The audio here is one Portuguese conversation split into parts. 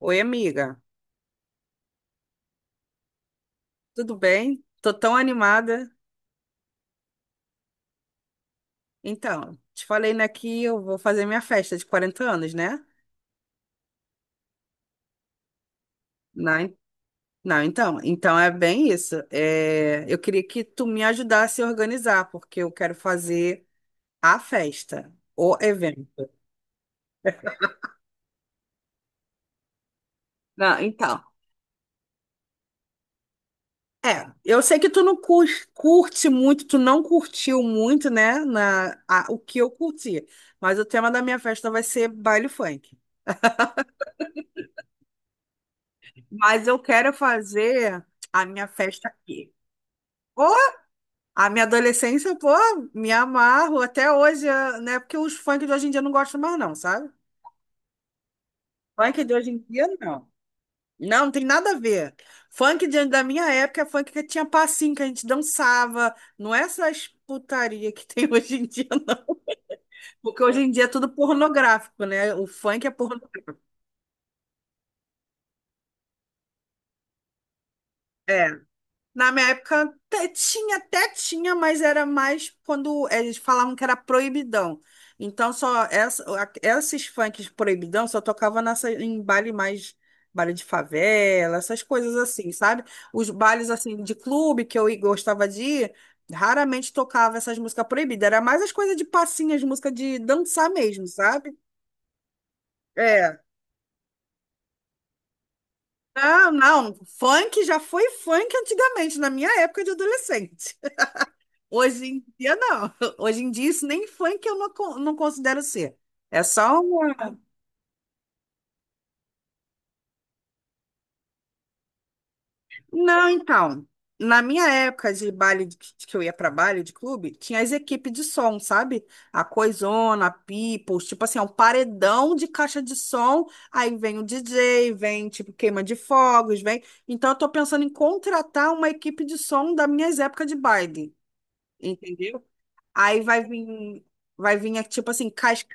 Oi, amiga, tudo bem? Tô tão animada. Então, te falei, né, que eu vou fazer minha festa de 40 anos, né? Não, en- não, então é bem isso. É, eu queria que tu me ajudasse a organizar, porque eu quero fazer a festa, o evento. Não, então, é, eu sei que tu não cur- curte muito, tu não curtiu muito, né, o que eu curti, mas o tema da minha festa vai ser baile funk. Mas eu quero fazer a minha festa aqui. Ô, a minha adolescência, pô, me amarro até hoje, né? Porque os funk de hoje em dia eu não gosto mais, não, sabe? Funk de hoje em dia, não. Não, não tem nada a ver. Funk da minha época é funk que tinha passinho, que a gente dançava. Não é essas putaria que tem hoje em dia, não. Porque hoje em dia é tudo pornográfico, né? O funk é pornográfico. É. Na minha época até tinha, mas era mais quando eles falavam que era proibidão. Então só essa, esses funks proibidão só tocava nessa, em baile mais baile de favela, essas coisas assim, sabe? Os bailes assim de clube que eu gostava de ir, raramente tocava essas músicas proibidas. Era mais as coisas de passinhas, música de dançar mesmo, sabe? É. Não, não. Funk já foi funk antigamente, na minha época de adolescente. Hoje em dia, não. Hoje em dia, isso nem funk eu não, não considero ser. É só um. Não, então. Na minha época de baile, que eu ia pra baile de clube, tinha as equipes de som, sabe? A Coisona, a People, tipo assim, é um paredão de caixa de som. Aí vem o DJ, vem, tipo, queima de fogos, vem. Então, eu tô pensando em contratar uma equipe de som das minhas épocas de baile, entendeu? Aí vai vir, é, tipo assim, casca.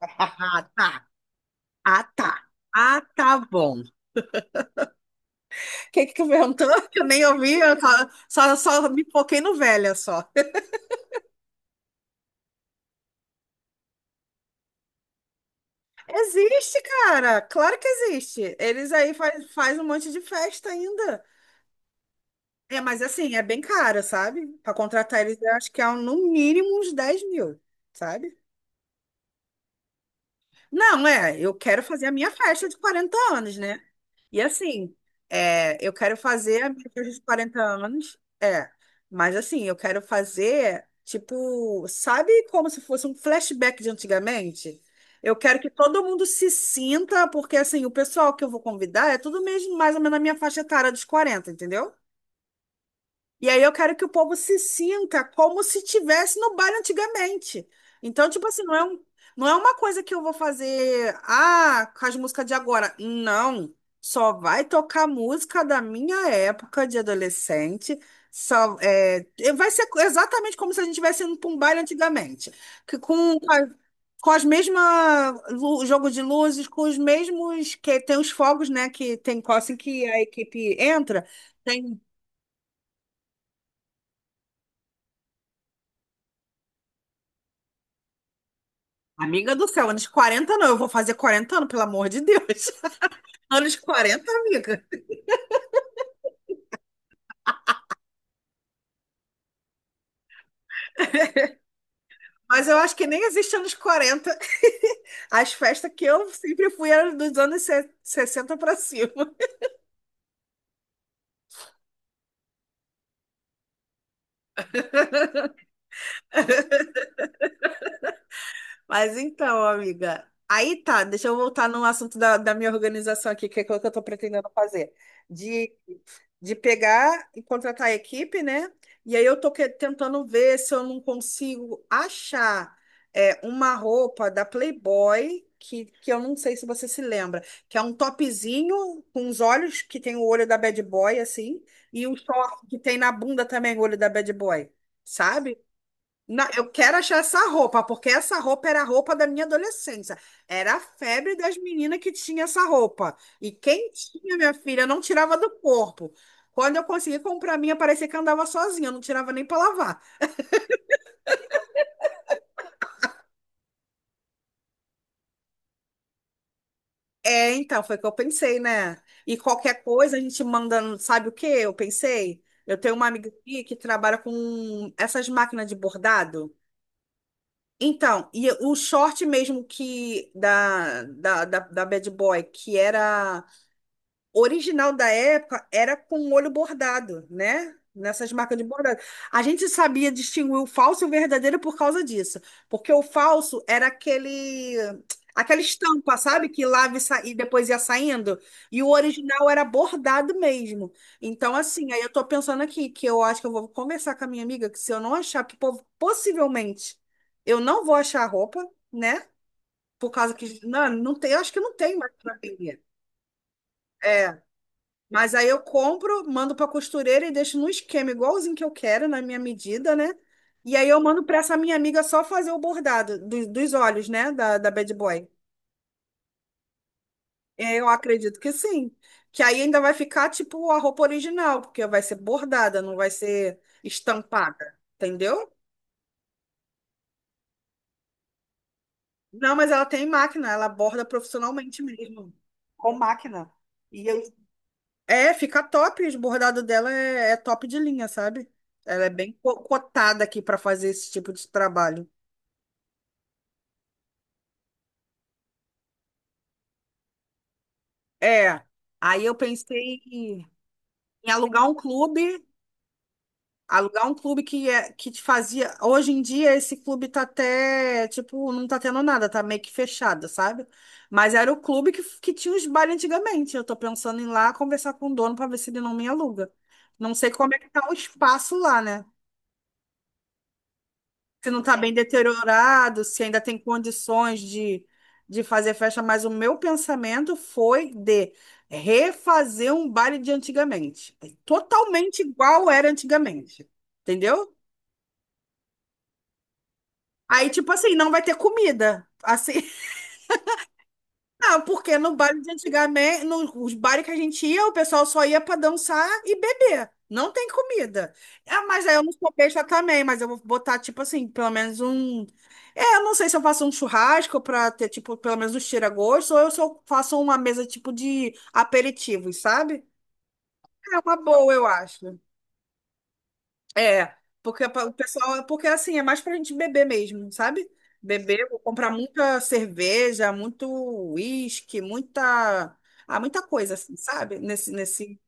Ah, tá. Ah, tá bom. O que que tu perguntou? Que eu nem ouvi, eu só, só me foquei no velha só. Existe, cara. Claro que existe. Eles aí faz um monte de festa ainda. É, mas assim, é bem caro, sabe? Para contratar eles, eu acho que é um, no mínimo uns 10 mil, sabe? Não, é, eu quero fazer a minha festa de 40 anos, né? E assim, é, eu quero fazer a minha dos 40 anos, é, mas assim, eu quero fazer, tipo, sabe como se fosse um flashback de antigamente? Eu quero que todo mundo se sinta, porque assim, o pessoal que eu vou convidar é tudo mesmo mais ou menos na minha faixa etária dos 40, entendeu? E aí eu quero que o povo se sinta como se tivesse no baile antigamente. Então, tipo assim, não é um, não é uma coisa que eu vou fazer, com as músicas de agora. Não. Só vai tocar música da minha época de adolescente. Só, é, vai ser exatamente como se a gente estivesse indo para um baile antigamente. Que com, com as mesmas jogo de luzes, com os mesmos que tem os fogos, né? Que tem assim que a equipe entra. Amiga do céu, anos 40 não, eu vou fazer 40 anos, pelo amor de Deus. Anos 40, amiga. Mas eu acho que nem existe anos 40. As festas que eu sempre fui eram dos anos 60 para cima. Mas então, amiga, aí tá, deixa eu voltar no assunto da minha organização aqui, que é o que eu tô pretendendo fazer. De, de pegar e contratar a equipe, né? E aí eu tô tentando ver se eu não consigo achar é, uma roupa da Playboy, que eu não sei se você se lembra, que é um topzinho com os olhos, que tem o olho da Bad Boy, assim, e o short que tem na bunda também o olho da Bad Boy, sabe? Não, eu quero achar essa roupa, porque essa roupa era a roupa da minha adolescência. Era a febre das meninas que tinha essa roupa. E quem tinha, minha filha, não tirava do corpo. Quando eu consegui comprar a minha, parecia que eu andava sozinha, eu não tirava nem para lavar. É, então, foi o que eu pensei, né? E qualquer coisa a gente manda, sabe o que eu pensei? Eu tenho uma amiga aqui que trabalha com essas máquinas de bordado. Então, e o short mesmo que da, da, da, da Bad Boy, que era O original da época era com o olho bordado, né? Nessas marcas de bordado. A gente sabia distinguir o falso e o verdadeiro por causa disso. Porque o falso era aquele, aquela estampa, sabe? Que lava e, e depois ia saindo. E o original era bordado mesmo. Então, assim, aí eu tô pensando aqui que eu acho que eu vou conversar com a minha amiga que se eu não achar, que possivelmente eu não vou achar a roupa, né? Por causa que. Não, não tem, eu acho que não tem mais pra vender. É. Mas aí eu compro, mando para costureira e deixo no esquema igualzinho que eu quero, na minha medida, né? E aí eu mando para essa minha amiga só fazer o bordado dos olhos, né? Da Bad Boy. É. Eu acredito que sim. Que aí ainda vai ficar tipo a roupa original, porque vai ser bordada, não vai ser estampada, entendeu? Não, mas ela tem máquina, ela borda profissionalmente mesmo, com máquina. E eu, É, fica top. O bordado dela é top de linha, sabe? Ela é bem cotada aqui para fazer esse tipo de trabalho. É. Aí eu pensei alugar um clube, que é, que te fazia. Hoje em dia esse clube tá até, tipo, não tá tendo nada, tá meio que fechado, sabe? Mas era o clube que tinha os bailes antigamente. Eu tô pensando em ir lá conversar com o dono para ver se ele não me aluga. Não sei como é que tá o espaço lá, né? Se não está bem deteriorado, se ainda tem condições de fazer festa, mas o meu pensamento foi de refazer um baile de antigamente. É totalmente igual era antigamente. Entendeu? Aí, tipo assim, não vai ter comida. Assim, ah, porque no baile de antigamente, nos bares que a gente ia, o pessoal só ia pra dançar e beber. Não tem comida. Ah, mas aí eu não sou besta também, mas eu vou botar, tipo assim, pelo menos um. É, eu não sei se eu faço um churrasco pra ter, tipo, pelo menos um tira-gosto, ou eu só faço uma mesa, tipo, de aperitivos, sabe? É uma boa, eu acho. É, porque o pessoal, é porque assim, é mais pra gente beber mesmo, sabe? Beber, vou comprar muita cerveja, muito uísque, muita, ah, muita coisa assim, sabe? Nesse.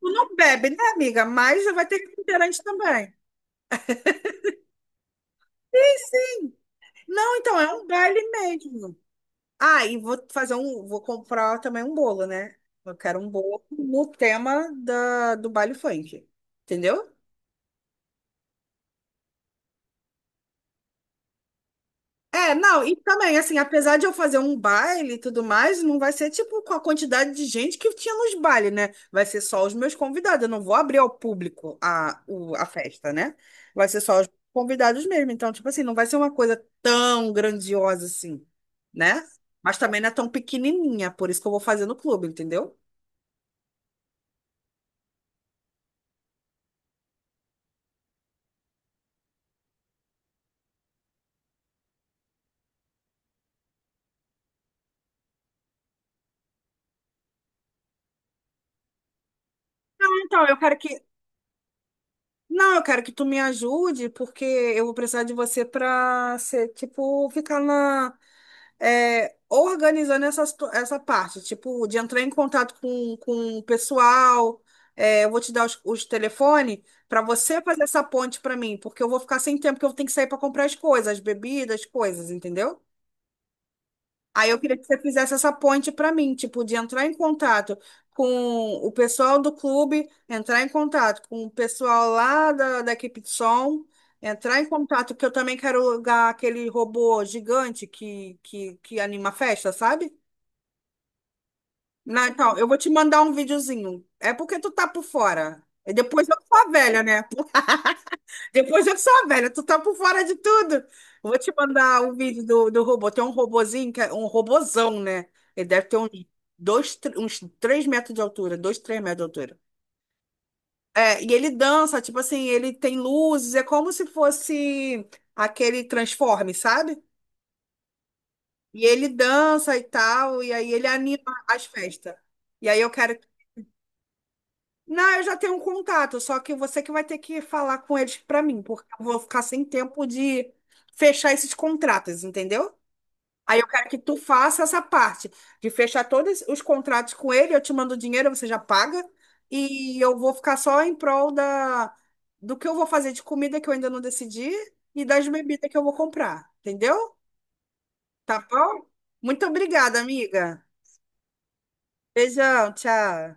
Tu não bebe, né, amiga? Mas vai ter refrigerante também. Não, então é um baile mesmo. Ah, e vou comprar também um bolo, né? Eu quero um bolo no tema do baile funk, entendeu? É, não, e também, assim, apesar de eu fazer um baile e tudo mais, não vai ser tipo com a quantidade de gente que tinha nos bailes, né? Vai ser só os meus convidados, eu não vou abrir ao público a festa, né? Vai ser só os convidados mesmo. Então, tipo assim, não vai ser uma coisa tão grandiosa assim, né? Mas também não é tão pequenininha, por isso que eu vou fazer no clube, entendeu? Não, Então, eu quero que Não, eu quero que tu me ajude, porque eu vou precisar de você para ser, tipo, ficar organizando essa, essa parte, tipo, de entrar em contato com o pessoal. É, eu vou te dar os telefones para você fazer essa ponte para mim, porque eu vou ficar sem tempo, porque eu tenho que sair para comprar as coisas, as bebidas, as coisas, entendeu? Aí eu queria que você fizesse essa ponte para mim, tipo, de entrar em contato com o pessoal do clube, entrar em contato com o pessoal lá da equipe de som, entrar em contato, porque eu também quero alugar aquele robô gigante que anima a festa, sabe? Não, então, eu vou te mandar um videozinho. É porque tu tá por fora. E depois eu sou a velha, né? Depois eu sou a velha, tu tá por fora de tudo. Vou te mandar o vídeo do robô. Tem um robozinho, que é um robozão, né? Ele deve ter uns, dois, uns 3 metros de altura, dois, 3 metros de altura. É, e ele dança, tipo assim, ele tem luzes, é como se fosse aquele Transforme, sabe? E ele dança e tal, e aí ele anima as festas. E aí eu quero Não, eu já tenho um contato, só que você que vai ter que falar com eles pra mim, porque eu vou ficar sem tempo de fechar esses contratos, entendeu? Aí eu quero que tu faça essa parte de fechar todos os contratos com ele, eu te mando o dinheiro, você já paga, e eu vou ficar só em prol do que eu vou fazer de comida que eu ainda não decidi e das bebidas que eu vou comprar, entendeu? Tá bom? Muito obrigada, amiga. Beijão, tchau.